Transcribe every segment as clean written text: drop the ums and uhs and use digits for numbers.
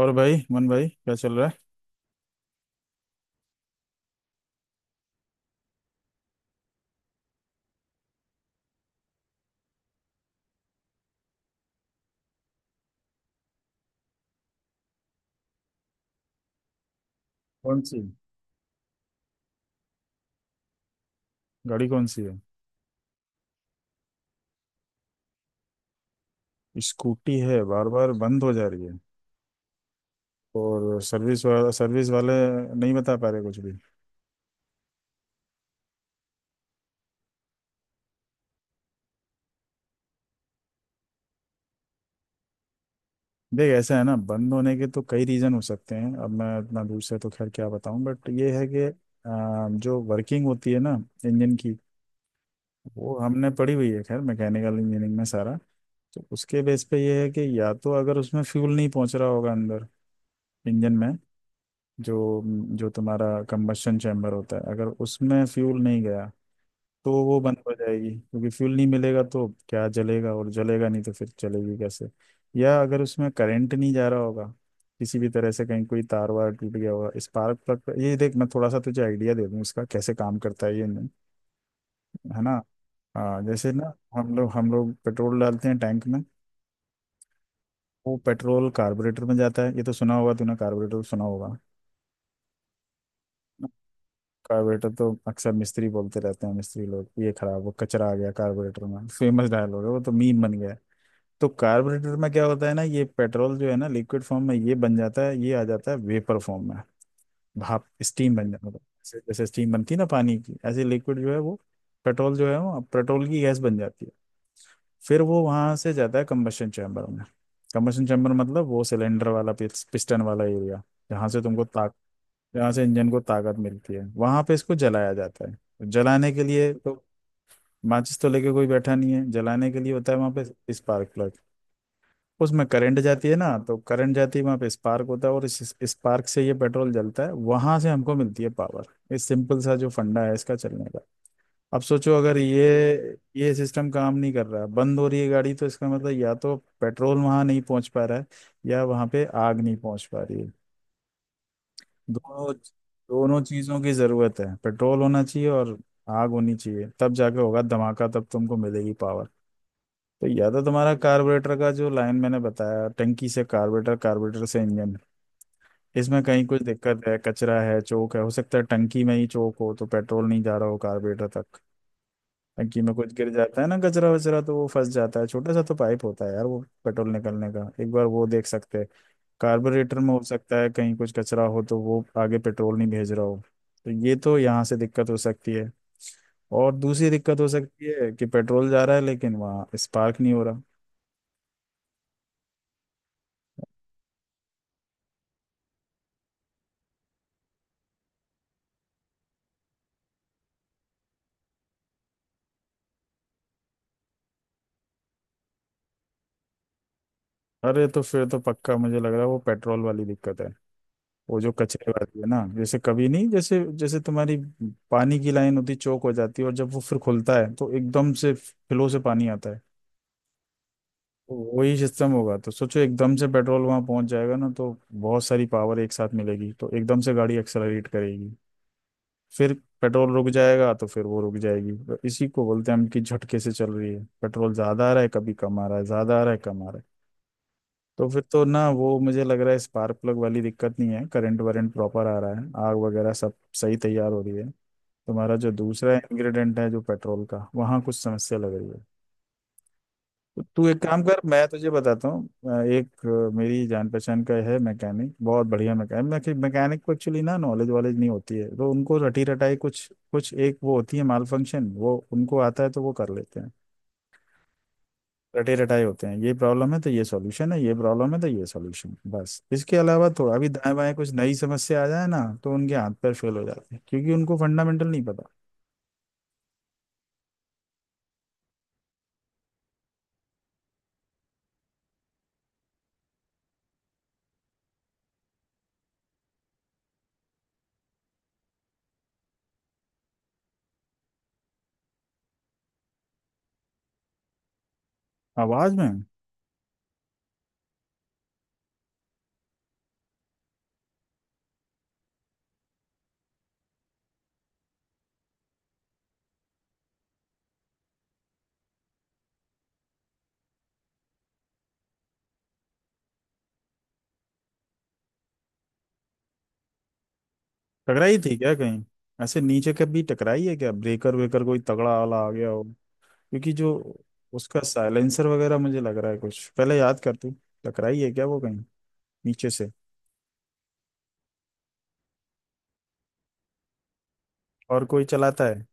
और भाई मन भाई क्या चल रहा है। कौन सी गाड़ी कौन सी है? स्कूटी है, बार बार बंद हो जा रही है? और सर्विस वाला, सर्विस वाले नहीं बता पा रहे कुछ भी? देख, ऐसा है ना, बंद होने के तो कई रीज़न हो सकते हैं, अब मैं इतना दूर से तो खैर क्या बताऊं, बट ये है कि जो वर्किंग होती है ना इंजन की, वो हमने पढ़ी हुई है खैर मैकेनिकल इंजीनियरिंग में सारा। तो उसके बेस पे ये है कि या तो अगर उसमें फ्यूल नहीं पहुंच रहा होगा अंदर इंजन में, जो जो तुम्हारा कंबशन चैम्बर होता है, अगर उसमें फ्यूल नहीं गया तो वो बंद हो जाएगी, क्योंकि फ्यूल नहीं मिलेगा तो क्या जलेगा, और जलेगा नहीं तो फिर चलेगी कैसे। या अगर उसमें करंट नहीं जा रहा होगा, किसी भी तरह से कहीं कोई तार वार टूट गया होगा, स्पार्क प्लग। ये देख, मैं थोड़ा सा तुझे आइडिया दे दूँ इसका कैसे काम करता है ये, नहीं? है ना। हाँ, जैसे ना हम लोग पेट्रोल डालते हैं टैंक में, वो पेट्रोल कार्बोरेटर में जाता है, ये तो सुना होगा तूने, कार्बोरेटर सुना होगा। कार्बोरेटर तो अक्सर मिस्त्री बोलते रहते हैं, मिस्त्री लोग ये खराब हो, कचरा आ गया कार्बोरेटर में, फेमस डायलॉग है वो तो, मीम बन गया है। तो कार्बोरेटर में क्या होता है ना, ये पेट्रोल जो है ना लिक्विड फॉर्म में, ये बन जाता है, ये आ जाता है वेपर फॉर्म में, भाप, स्टीम बन जाता है। जैसे जैसे स्टीम बनती है ना पानी की, ऐसे लिक्विड जो है वो, पेट्रोल जो है वो पेट्रोल की गैस बन जाती है। फिर वो वहां से जाता है कम्बशन चैम्बर में। कम्बशन चैम्बर मतलब वो सिलेंडर वाला पिस्टन वाला एरिया, जहाँ से तुमको ताकत, जहाँ से इंजन को ताकत मिलती है, वहां पे इसको जलाया जाता है। जलाने के लिए तो माचिस तो लेके कोई बैठा नहीं है, जलाने के लिए होता है वहां पे स्पार्क प्लग। उसमें करंट जाती है ना, तो करंट जाती है, वहां पे स्पार्क होता है, और इस स्पार्क से ये पेट्रोल जलता है, वहां से हमको मिलती है पावर। ये सिंपल सा जो फंडा है इसका चलने का। अब सोचो, अगर ये सिस्टम काम नहीं कर रहा, बंद हो रही है गाड़ी, तो इसका मतलब या तो पेट्रोल वहां नहीं पहुंच पा रहा है, या वहां पे आग नहीं पहुंच पा रही है। दोनों दोनों चीजों की जरूरत है, पेट्रोल होना चाहिए और आग होनी चाहिए, तब जाके होगा धमाका, तब तुमको मिलेगी पावर। तो या तो तुम्हारा कार्बोरेटर का जो लाइन मैंने बताया, टंकी से कार्बोरेटर, कार्बोरेटर से इंजन, इसमें कहीं कुछ दिक्कत है, कचरा है, चोक है। हो सकता है टंकी में ही चोक हो तो पेट्रोल नहीं जा रहा हो कार्बोरेटर तक। टंकी में कुछ गिर जाता है ना कचरा वचरा, तो वो फंस जाता है, छोटा सा तो पाइप होता है यार वो पेट्रोल निकलने का, एक बार वो देख सकते हैं। कार्बोरेटर में हो सकता है कहीं कुछ कचरा हो तो वो आगे पेट्रोल नहीं भेज रहा हो, तो ये तो यहाँ से दिक्कत हो सकती है। और दूसरी दिक्कत हो सकती है कि पेट्रोल जा रहा है लेकिन वहाँ स्पार्क नहीं हो रहा। अरे, तो फिर तो पक्का मुझे लग रहा है वो पेट्रोल वाली दिक्कत है, वो जो कचरे वाली है ना। जैसे कभी नहीं, जैसे जैसे तुम्हारी पानी की लाइन होती चौक हो जाती है, और जब वो फिर खुलता है तो एकदम से फ्लो से पानी आता है, वही सिस्टम होगा। तो सोचो, एकदम से पेट्रोल वहां पहुंच जाएगा ना, तो बहुत सारी पावर एक साथ मिलेगी, तो एकदम से गाड़ी एक्सेलरेट करेगी, फिर पेट्रोल रुक जाएगा तो फिर वो रुक जाएगी। तो इसी को बोलते हैं हम कि झटके से चल रही है। पेट्रोल ज्यादा आ रहा है, कभी कम आ रहा है, ज्यादा आ रहा है, कम आ रहा है। तो फिर तो ना वो, मुझे लग रहा है स्पार्क प्लग वाली दिक्कत नहीं है, करंट वरेंट प्रॉपर आ रहा है, आग वगैरह सब सही तैयार हो रही है। तुम्हारा जो दूसरा इंग्रेडिएंट है जो पेट्रोल का, वहाँ कुछ समस्या लग रही है। तू एक काम कर, मैं तुझे बताता हूँ, एक मेरी जान पहचान का है मैकेनिक, बहुत बढ़िया मैकेनिक। मैकेनिक को एक्चुअली ना नॉलेज वॉलेज नहीं होती है, तो उनको रटी रटाई कुछ कुछ एक वो होती है, माल फंक्शन वो उनको आता है तो वो कर लेते हैं, रटे रटाई होते हैं। ये प्रॉब्लम है तो ये सॉल्यूशन है, ये प्रॉब्लम है तो ये सॉल्यूशन, बस। इसके अलावा थोड़ा भी दाएं बाएं कुछ नई समस्या आ जाए ना, तो उनके हाथ पैर फेल हो जाते हैं, क्योंकि उनको फंडामेंटल नहीं पता। आवाज में, टकराई थी क्या कहीं? ऐसे नीचे कभी टकराई है क्या, ब्रेकर वेकर कोई तगड़ा वाला आ गया हो? क्योंकि जो उसका साइलेंसर वगैरह, मुझे लग रहा है कुछ, पहले याद कर तू, टकराई है क्या वो कहीं नीचे से? और कोई चलाता है?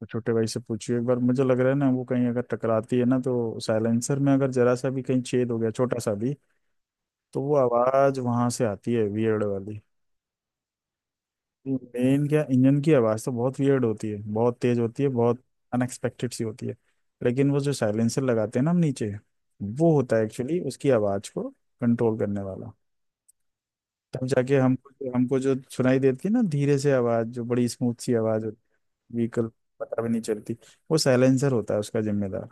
तो छोटे भाई से पूछियो एक बार, मुझे लग रहा है ना, वो कहीं अगर टकराती है ना तो साइलेंसर में अगर जरा सा भी कहीं छेद हो गया, छोटा सा भी, तो वो आवाज वहां से आती है वियर्ड वाली। मेन क्या, इंजन की आवाज तो बहुत वियर्ड होती है, बहुत तेज होती है, बहुत अनएक्सपेक्टेड सी होती है। लेकिन वो जो साइलेंसर लगाते हैं ना हम नीचे, वो होता है एक्चुअली उसकी आवाज को कंट्रोल करने वाला, तब जाके हमको हमको जो सुनाई देती है ना धीरे से आवाज, जो बड़ी स्मूथ सी आवाज होती है व्हीकल, पता भी नहीं चलती, वो साइलेंसर होता है उसका जिम्मेदार।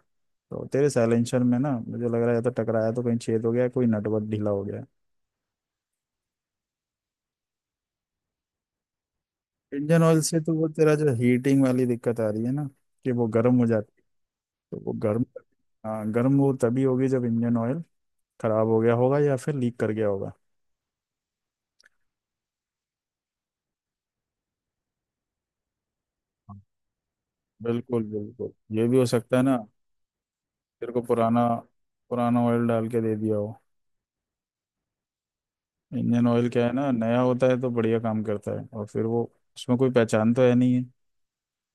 तो तेरे साइलेंसर में ना, मुझे लग रहा है या तो टकराया तो कहीं छेद हो गया, कोई नटवर्क ढीला हो गया। इंजन ऑयल से तो वो तेरा जो हीटिंग वाली दिक्कत आ रही है ना, कि वो गर्म हो जाती है, तो वो गर्म, हाँ, गर्म वो तभी होगी जब इंजन ऑयल खराब हो गया होगा, या फिर लीक कर गया होगा। हाँ, बिल्कुल बिल्कुल, ये भी हो सकता है ना। तेरे को पुराना, पुराना ऑयल डाल के दे दिया हो। इंडियन ऑयल क्या है ना, नया होता है तो बढ़िया काम करता है, और फिर वो, उसमें कोई पहचान तो है नहीं है,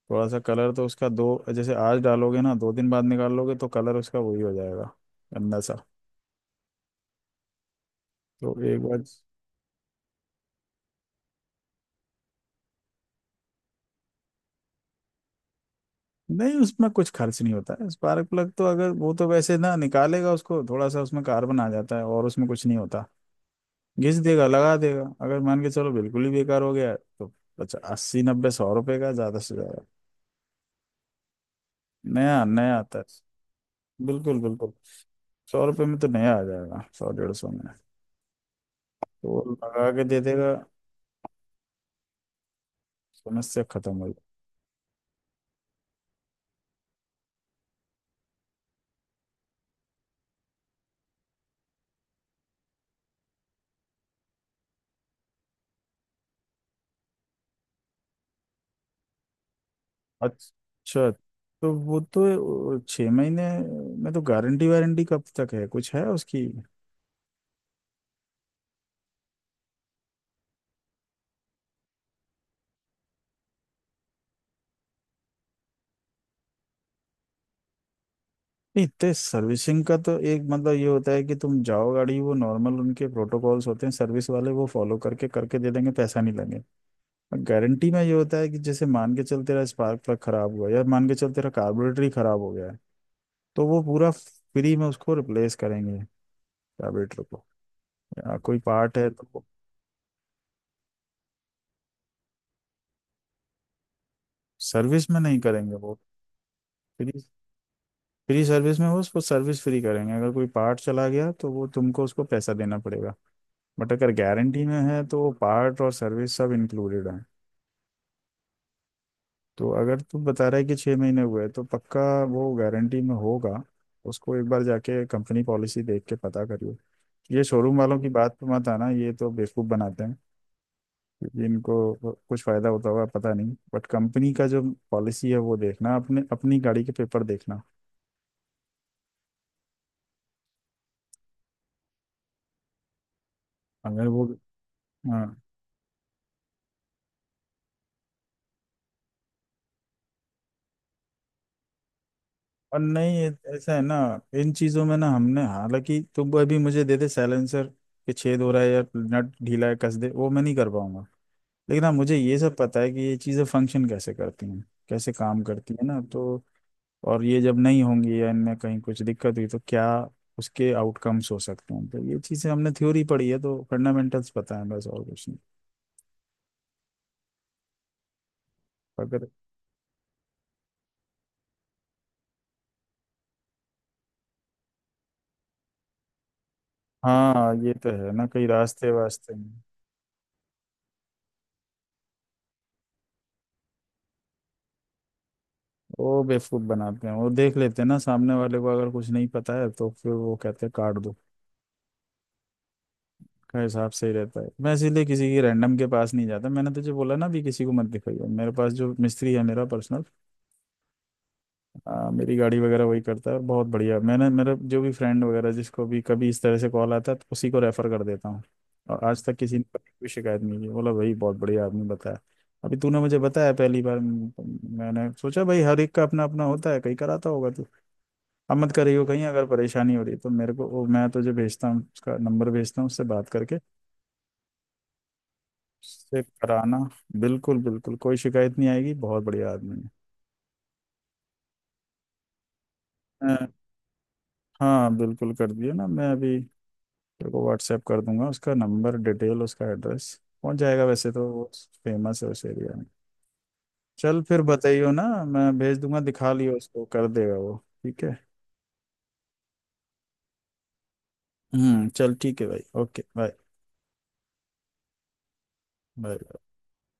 थोड़ा सा कलर तो उसका दो, जैसे आज डालोगे ना दो दिन बाद निकाल लोगे तो कलर उसका वही हो जाएगा, गंदा सा। तो एक बार, नहीं उसमें कुछ खर्च नहीं होता है स्पार्क प्लग तो, अगर वो तो वैसे ना निकालेगा उसको, थोड़ा सा उसमें कार्बन आ जाता है और उसमें कुछ नहीं होता, घिस देगा लगा देगा। अगर मान के चलो बिल्कुल ही बेकार हो गया तो, अच्छा, अस्सी नब्बे सौ रुपए का ज्यादा से ज्यादा, नया नया आता है। बिल्कुल बिल्कुल, सौ रुपये में तो नया आ जाएगा, सौ डेढ़ सौ में, तो वो लगा के दे देगा, समस्या खत्म हो जाएगी। अच्छा, तो वो तो छः महीने में तो, गारंटी वारंटी कब तक है, कुछ है उसकी? नहीं तो सर्विसिंग का तो एक मतलब ये होता है कि तुम जाओ गाड़ी, वो नॉर्मल उनके प्रोटोकॉल्स होते हैं सर्विस वाले, वो फॉलो करके करके दे देंगे, पैसा नहीं लगेगा। गारंटी में ये होता है कि जैसे मान के चल तेरा स्पार्क प्लग खराब हुआ, या मान के चल तेरा कार्बोरेटर ही खराब हो गया है, तो वो पूरा फ्री में उसको रिप्लेस करेंगे, कार्बोरेटर को, या कोई पार्ट है तो। सर्विस में नहीं करेंगे वो, फ्री, फ्री सर्विस में वो उसको सर्विस फ्री करेंगे, अगर कोई पार्ट चला गया तो वो तुमको, उसको पैसा देना पड़ेगा। बट अगर गारंटी में है तो वो पार्ट और सर्विस सब इंक्लूडेड है। तो अगर तू बता रहा है कि छः महीने हुए तो पक्का वो गारंटी में होगा। उसको एक बार जाके कंपनी पॉलिसी देख के पता करियो। ये शोरूम वालों की बात पे मत आना, ये तो बेवकूफ़ बनाते हैं, क्योंकि इनको कुछ फ़ायदा होता हुआ पता नहीं, बट कंपनी का जो पॉलिसी है वो देखना, अपने, अपनी गाड़ी के पेपर देखना। अगर वो, हाँ, और नहीं ऐसा है ना, इन चीज़ों में ना हमने, हालांकि तुम अभी मुझे दे दे साइलेंसर के छेद हो रहा है या नट ढीला है कस दे, वो मैं नहीं कर पाऊंगा, लेकिन हाँ मुझे ये सब पता है कि ये चीज़ें फंक्शन कैसे करती हैं, कैसे काम करती हैं ना। तो और ये जब नहीं होंगी या इनमें कहीं कुछ दिक्कत हुई तो क्या उसके आउटकम्स हो सकते हैं, तो ये चीज़ें हमने थ्योरी पढ़ी है तो फंडामेंटल्स पता है, बस और कुछ नहीं। अगर, हाँ ये तो है ना, कई रास्ते वास्ते हैं। वो बेवकूफ बनाते हैं, वो देख लेते हैं ना सामने वाले को, अगर कुछ नहीं पता है तो फिर वो कहते हैं काट दो का हिसाब सही रहता है। मैं इसीलिए किसी की रैंडम के पास नहीं जाता, मैंने तुझे बोला ना, भी किसी को मत दिखाइए, मेरे पास जो मिस्त्री है मेरा पर्सनल, मेरी गाड़ी वगैरह वही करता है, और बहुत बढ़िया, मैंने, मेरा जो भी फ्रेंड वगैरह जिसको भी कभी इस तरह से कॉल आता है तो उसी को रेफर कर देता हूँ, और आज तक किसी ने कभी कोई शिकायत नहीं की, बोला भाई बहुत बढ़िया आदमी बताया। अभी तूने मुझे बताया पहली बार, मैंने सोचा भाई हर एक का अपना अपना होता है, कहीं कराता होगा तू। अब मत करियो, कहीं अगर परेशानी हो रही है तो मेरे को, वो मैं तुझे भेजता हूँ उसका नंबर, भेजता हूँ उससे बात करके, उससे कराना, बिल्कुल बिल्कुल कोई शिकायत नहीं आएगी, बहुत बढ़िया आदमी है। हाँ बिल्कुल कर दियो ना, मैं अभी तेरे को व्हाट्सएप कर दूंगा उसका नंबर डिटेल, उसका एड्रेस पहुंच जाएगा, वैसे तो वो फेमस है उस एरिया में। चल, फिर बताइयो ना, मैं भेज दूंगा, दिखा लियो उसको, कर देगा वो। ठीक है। हम्म, चल ठीक है भाई, ओके, बाय। बाय।